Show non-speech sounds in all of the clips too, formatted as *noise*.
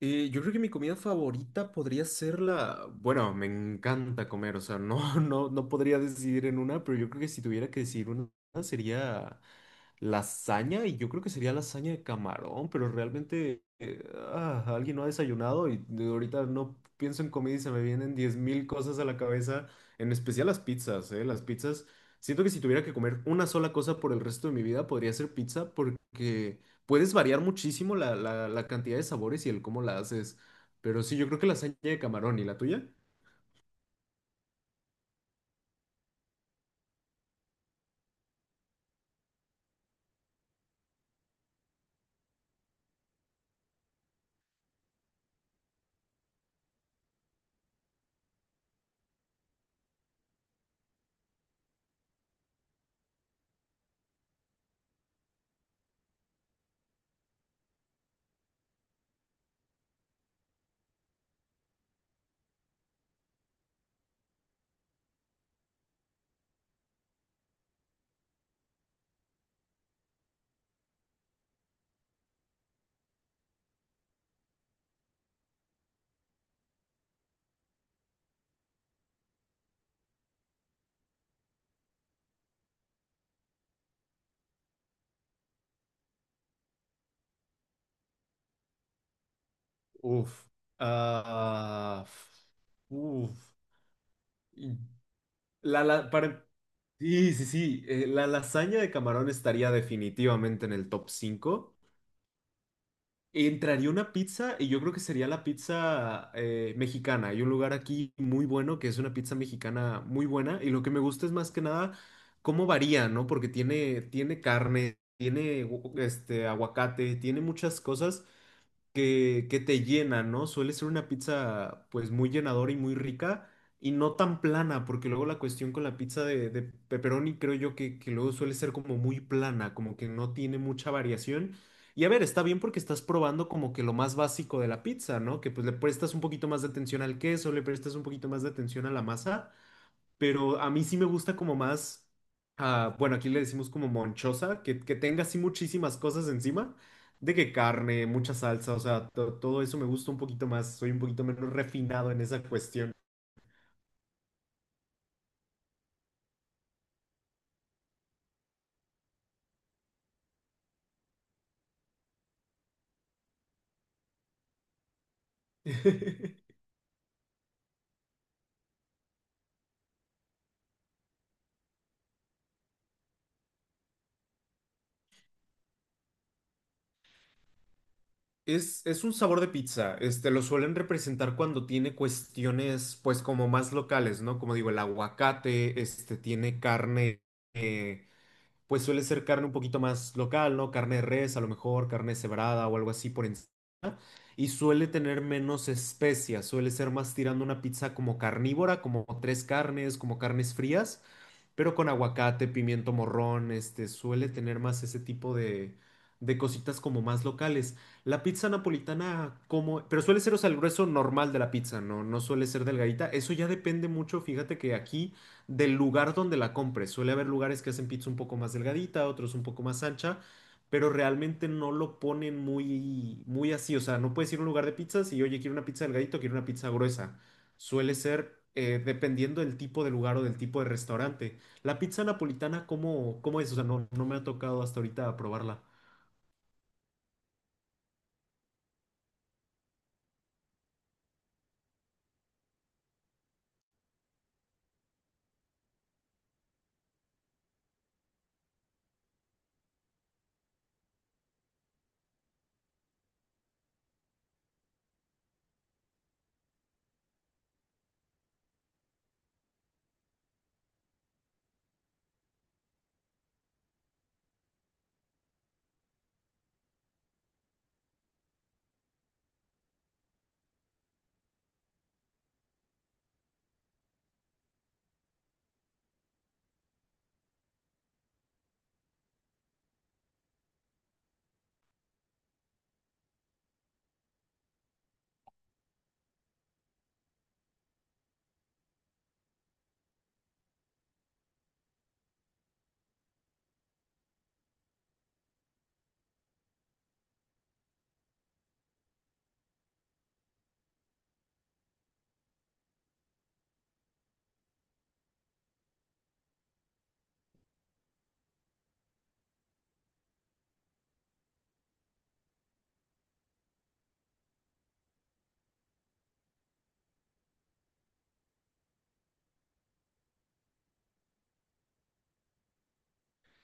Yo creo que mi comida favorita podría ser la... Bueno, me encanta comer, o sea, no, *laughs* no podría decidir en una, pero yo creo que si tuviera que decidir una sería lasaña y yo creo que sería lasaña de camarón, pero realmente alguien no ha desayunado y de ahorita no pienso en comida y se me vienen 10.000 cosas a la cabeza, en especial las pizzas, ¿eh? Las pizzas, siento que si tuviera que comer una sola cosa por el resto de mi vida podría ser pizza porque puedes variar muchísimo la cantidad de sabores y el cómo la haces. Pero sí, yo creo que la lasaña de camarón y la tuya. Uf. Ah, uf. Y para, sí, sí, sí. La lasaña de camarón estaría definitivamente en el top 5. Entraría una pizza y yo creo que sería la pizza mexicana. Hay un lugar aquí muy bueno que es una pizza mexicana muy buena y lo que me gusta es más que nada cómo varía, ¿no? Porque tiene carne, tiene aguacate, tiene muchas cosas que te llena, ¿no? Suele ser una pizza pues muy llenadora y muy rica y no tan plana, porque luego la cuestión con la pizza de pepperoni creo yo que luego suele ser como muy plana, como que no tiene mucha variación. Y a ver, está bien porque estás probando como que lo más básico de la pizza, ¿no? Que pues le prestas un poquito más de atención al queso, le prestas un poquito más de atención a la masa, pero a mí sí me gusta como más, bueno, aquí le decimos como monchosa, que tenga así muchísimas cosas encima, de que carne, mucha salsa, o sea, todo eso me gusta un poquito más, soy un poquito menos refinado en esa cuestión. *laughs* Es un sabor de pizza, este, lo suelen representar cuando tiene cuestiones, pues, como más locales, ¿no? Como digo, el aguacate, este, tiene carne, eh, pues suele ser carne un poquito más local, ¿no? Carne de res, a lo mejor, carne cebrada o algo así por encima. Y suele tener menos especias, suele ser más tirando una pizza como carnívora, como tres carnes, como carnes frías, pero con aguacate, pimiento morrón, este, suele tener más ese tipo de cositas como más locales. La pizza napolitana, como, pero suele ser, o sea, el grueso normal de la pizza, no, no suele ser delgadita. Eso ya depende mucho, fíjate que aquí, del lugar donde la compres. Suele haber lugares que hacen pizza un poco más delgadita, otros un poco más ancha, pero realmente no lo ponen muy, muy así. O sea, no puedes ir a un lugar de pizzas y, oye, quiero una pizza delgadito, quiero una pizza gruesa. Suele ser dependiendo del tipo de lugar o del tipo de restaurante. La pizza napolitana, ¿cómo, cómo es? O sea, no, no me ha tocado hasta ahorita probarla.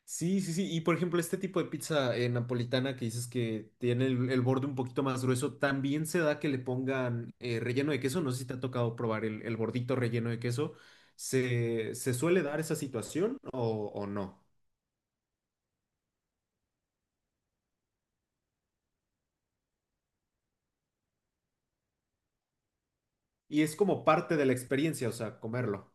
Sí, sí, sí. Y por ejemplo, este tipo de pizza napolitana que dices que tiene el borde un poquito más grueso, también se da que le pongan relleno de queso. No sé si te ha tocado probar el bordito relleno de queso. Se suele dar esa situación o no? Y es como parte de la experiencia, o sea, comerlo.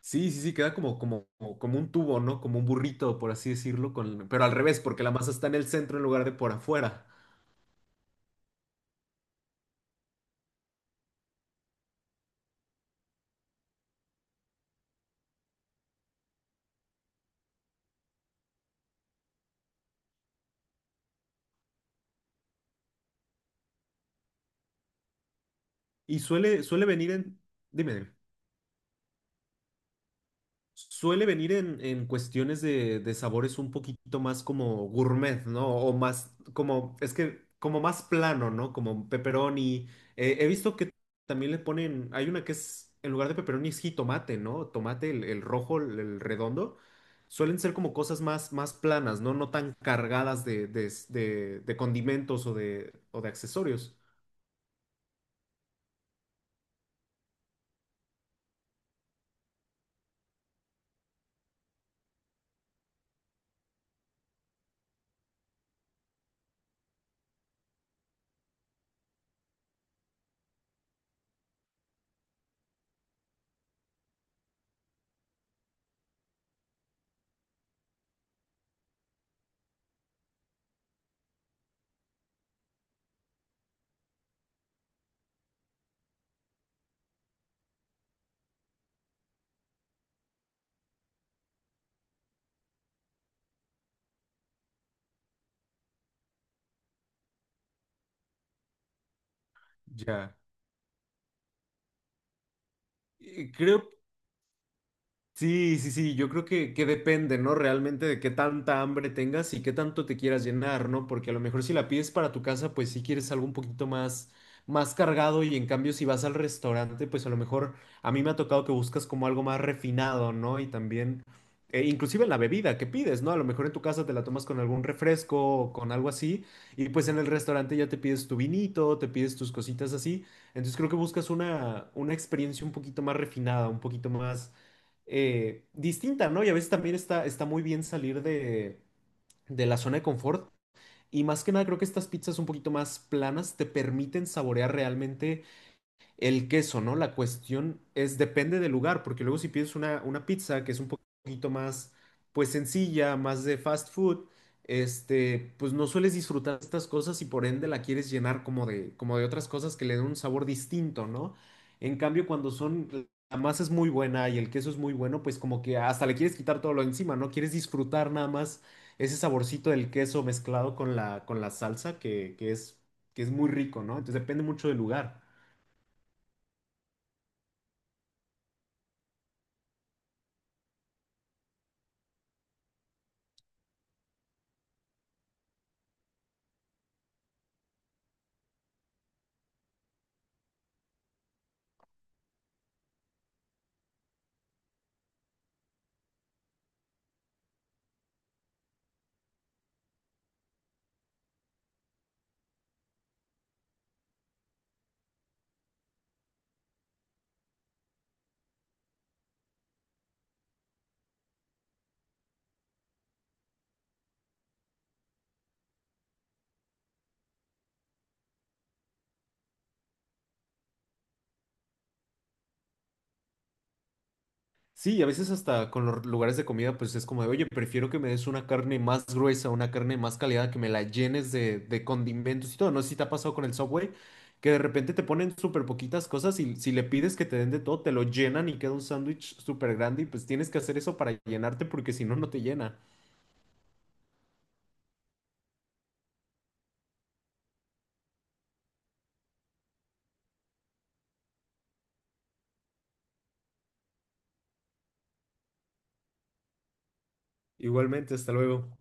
Sí, sí, sí, queda como, como, como un tubo, ¿no? Como un burrito, por así decirlo, con... pero al revés, porque la masa está en el centro en lugar de por afuera. Y suele venir en... Dime, dime. Suele venir en cuestiones de sabores un poquito más como gourmet, ¿no? O más como, es que como más plano, ¿no? Como pepperoni. He visto que también le ponen, hay una que es, en lugar de pepperoni es jitomate, ¿no? Tomate, el rojo, el redondo. Suelen ser como cosas más, más planas, ¿no? No tan cargadas de, de condimentos o de accesorios. Ya. Y Creo, Sí, sí, sí, yo creo que depende, ¿no? Realmente de qué tanta hambre tengas y qué tanto te quieras llenar, ¿no? Porque a lo mejor si la pides para tu casa, pues sí quieres algo un poquito más, más cargado, y en cambio si vas al restaurante, pues a lo mejor a mí me ha tocado que buscas como algo más refinado, ¿no? Y también, inclusive en la bebida que pides, ¿no? A lo mejor en tu casa te la tomas con algún refresco o con algo así, y pues en el restaurante ya te pides tu vinito, te pides tus cositas así. Entonces creo que buscas una experiencia un poquito más refinada, un poquito más distinta, ¿no? Y a veces también está, está muy bien salir de la zona de confort. Y más que nada, creo que estas pizzas un poquito más planas te permiten saborear realmente el queso, ¿no? La cuestión es, depende del lugar, porque luego si pides una pizza que es un poquito más, pues sencilla, más de fast food, este, pues no sueles disfrutar estas cosas y por ende la quieres llenar como de otras cosas que le den un sabor distinto, ¿no? En cambio, cuando son, la masa es muy buena y el queso es muy bueno, pues como que hasta le quieres quitar todo lo encima, ¿no? Quieres disfrutar nada más ese saborcito del queso mezclado con la salsa que es muy rico, ¿no? Entonces depende mucho del lugar. Sí, y a veces hasta con los lugares de comida, pues es como de, oye, prefiero que me des una carne más gruesa, una carne más calidad, que me la llenes de condimentos y todo. No sé si te ha pasado con el Subway, que de repente te ponen súper poquitas cosas y si le pides que te den de todo, te lo llenan y queda un sándwich súper grande y pues tienes que hacer eso para llenarte porque si no, no te llena. Igualmente, hasta luego.